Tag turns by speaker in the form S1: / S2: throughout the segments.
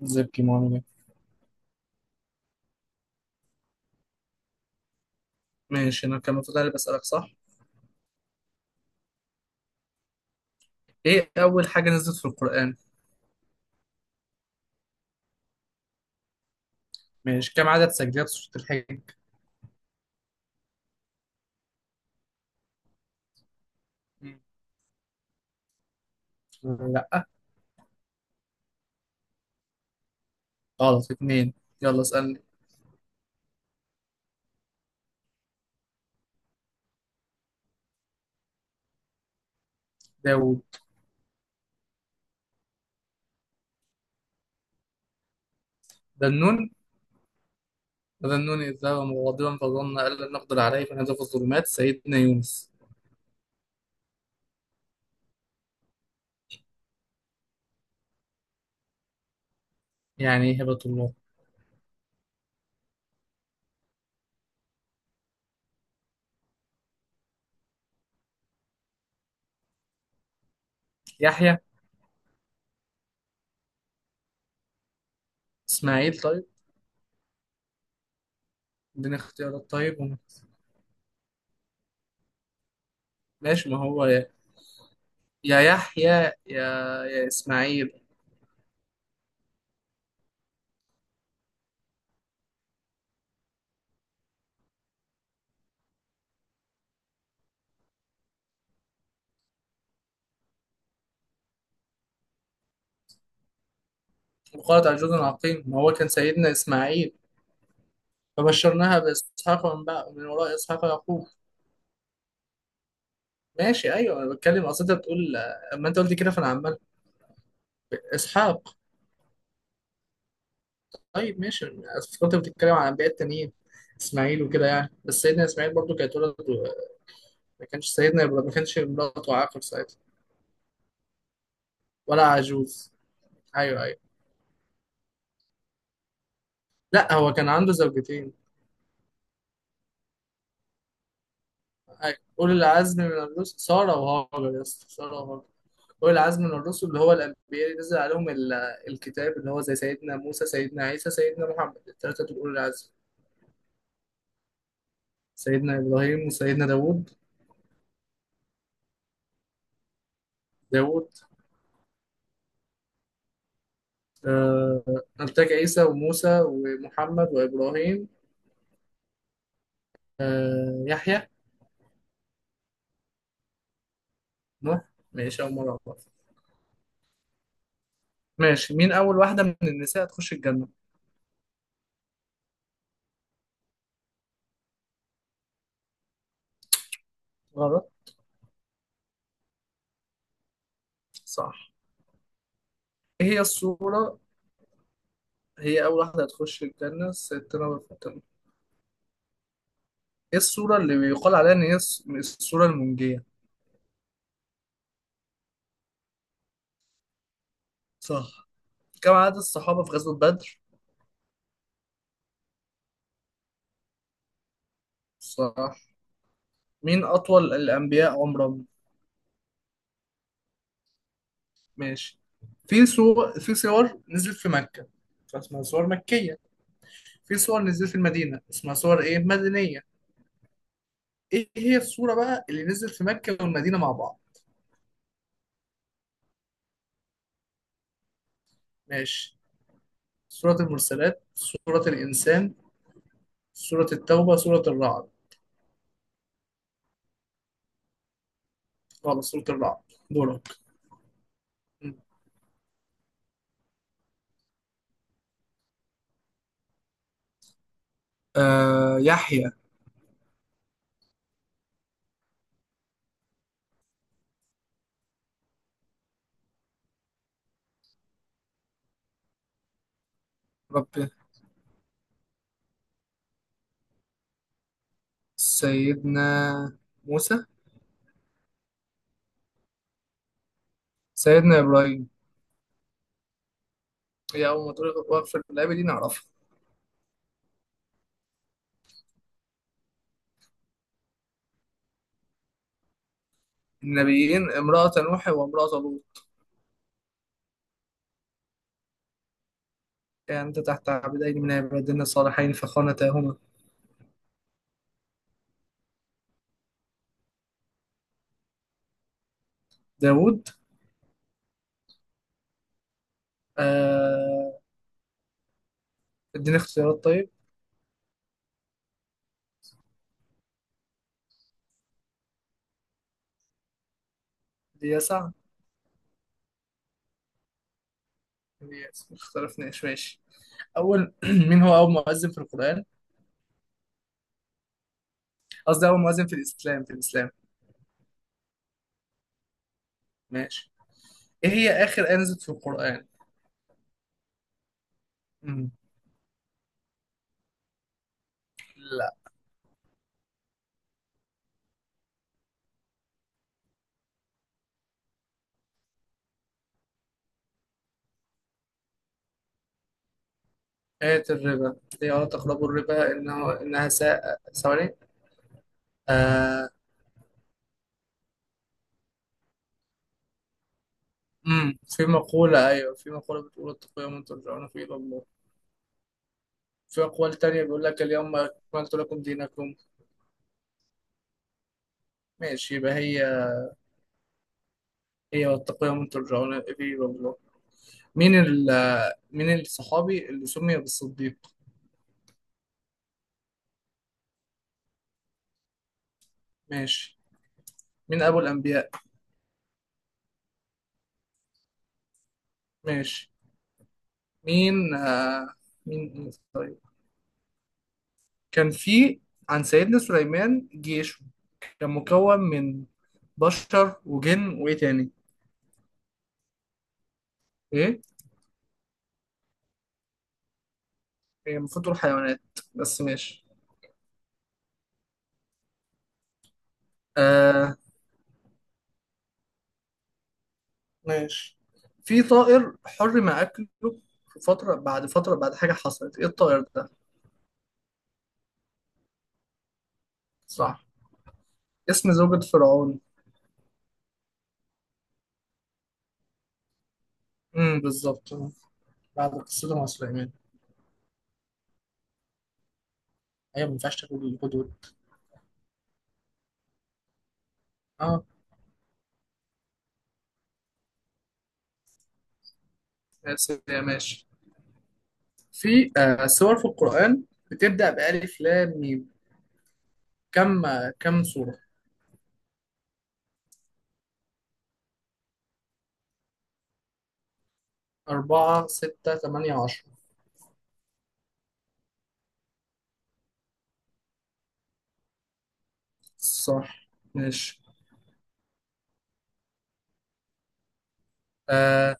S1: زبكي معاملة. ماشي، انا كان المفروض بسألك. صح، ايه اول حاجة نزلت في القرآن. ماشي، كم عدد سجدات سورة الحج؟ مم. لا، غلط، اتنين. يلا اسألني. داوود. ذنون. وذنون إذ ذهب مغاضبا فظن أن لن نقدر عليه فنادى في الظلمات، سيدنا يونس. يعني إيه هبة الله؟ يحيى، إسماعيل؟ طيب اديني اختيارات طيب ماشي. ما هو يا يحيى، يا إسماعيل. وقالت عجوز عقيم، ما هو كان سيدنا إسماعيل. فبشرناها باسحاق، ومن بقى من وراء اسحاق يعقوب. ماشي، ايوه انا بتكلم اصل انت بتقول. اما انت قلت كده فانا عمال. اسحاق. طيب ماشي، أصل كنت بتتكلم عن انبياء التانيين، اسماعيل وكده يعني. بس سيدنا اسماعيل برضو كانت ولد ما كانش سيدنا ابراهيم، ما كانش مراته عاقر ساعتها، ولا عجوز. ايوه ايوه. لا، هو كان عنده زوجتين. أيوة. اولي العزم من الرسل ساره وهاجر، يا اسطى، ساره وهاجر. أولي العزم من الرسل اللي هو الأنبياء اللي نزل عليهم الكتاب، اللي هو زي سيدنا موسى، سيدنا عيسى، سيدنا محمد. التلاتة دول أولي العزم. سيدنا إبراهيم وسيدنا داوود. داوود. آه نبتك عيسى وموسى ومحمد وإبراهيم، يحيى، نوح. ماشي، أول مرة أعرف. ماشي، مين أول واحدة من النساء هتخش الجنة؟ غلط. صح. إيه هي الصورة. هي أول واحدة هتخش الجنة، سيدنا فاطمة. إيه الصورة اللي بيقال عليها إن هي الصورة المنجية؟ صح. كم عدد الصحابة في غزوة بدر؟ صح. مين أطول الأنبياء عمرا؟ ماشي. في صور نزلت في مكة، فاسمها صور مكية. في صور نزلت في المدينة اسمها صور إيه مدنية. إيه هي الصورة بقى اللي نزلت في مكة والمدينة مع بعض؟ ماشي، سورة المرسلات، سورة الإنسان، سورة التوبة، سورة الرعد. خلاص، سورة الرعد. دورك. يحيى. ربي، سيدنا، موسى. سيدنا إبراهيم. هي أول ما تقول وقف، اللعيبة دي نعرفها. النبيين امرأة نوح وامرأة لوط. كانت تحت عبدين من عبادنا الصالحين فخانتاهما. داود. آه، اديني اختيارات طيب. ليسع. ليسع، ما اختلفناش. ماشي، أول مين هو أول مؤذن في القرآن. قصدي أول مؤذن في الإسلام، في الإسلام. ماشي، إيه هي آخر آية نزلت في القرآن؟ مم. لا. آية الربا، هي ولا تقربوا الربا، إنها ساء. ثواني. آه. مم. في مقولة، أيوة، في مقولة بتقول اتقوا يوما ترجعون فيه إلى الله. في أقوال تانية بيقول لك اليوم أكملت لكم دينكم. ماشي، يبقى هي. هي واتقوا يوم ترجعون إليه إلى الله. مين ال مين الصحابي اللي سمي بالصديق؟ ماشي. مين أبو الأنبياء؟ ماشي. مين آه مين مين- طيب، كان في عن سيدنا سليمان جيش، كان مكون من بشر وجن وإيه تاني؟ إيه. هي المفروض تقول حيوانات، بس ماشي. آه. ماشي. في طائر حرم أكله في فترة بعد حاجة حصلت، إيه الطائر ده؟ صح. اسم زوجة فرعون. بالظبط، بعد قصته مع سليمان. أيوة، ما ينفعش تاكل الهدود. اه. بس ماشي. في سور في القرآن بتبدأ بألف لام ميم، كم سورة؟ أربعة، ستة، تمانية، عشرة. صح. ماشي. آه،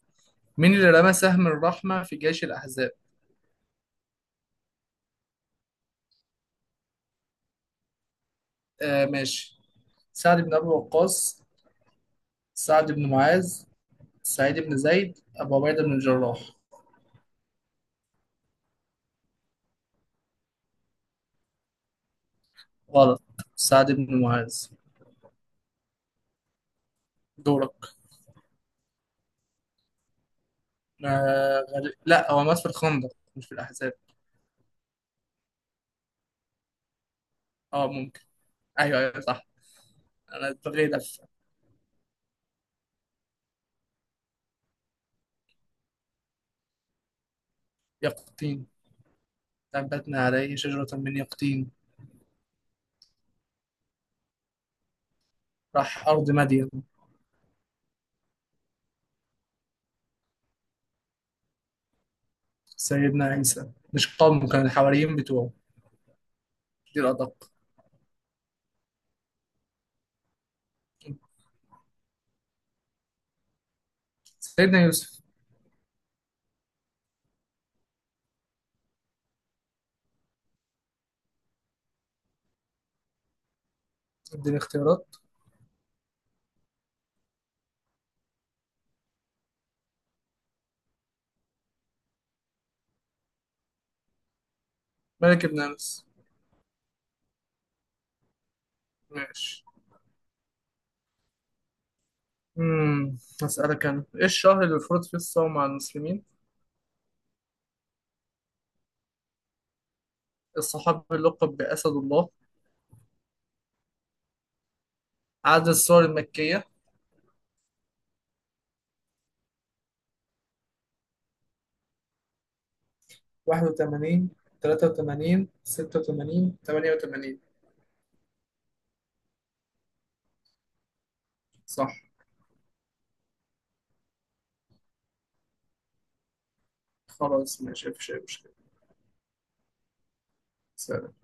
S1: مين اللي رمى سهم الرحمة في جيش الأحزاب؟ آه ماشي، سعد بن أبي وقاص، سعد بن معاذ، سعيد بن زيد، أبو عبيدة بن الجراح. غلط. سعد بن معاذ. دورك. غريب. لا، هو مات في الخندق، مش في الأحزاب. اه ممكن. أيوه أيوه صح. أنا اتبغيت في. يقطين. نبتنا عليه شجرة من يقطين. راح أرض مدين. سيدنا عيسى، مش قوم، كان الحواريين بتوعه، دي الأدق. سيدنا يوسف. اديني اختيارات. ملك بن أنس. ماشي. امم. هسألك أنا، إيه الشهر اللي فرض فيه الصوم على المسلمين. الصحابي اللقب بأسد الله. عدد السور المكية. 81، 83، 86، 88. صح. خلاص ماشي، مفيش أي مشكلة. سلام.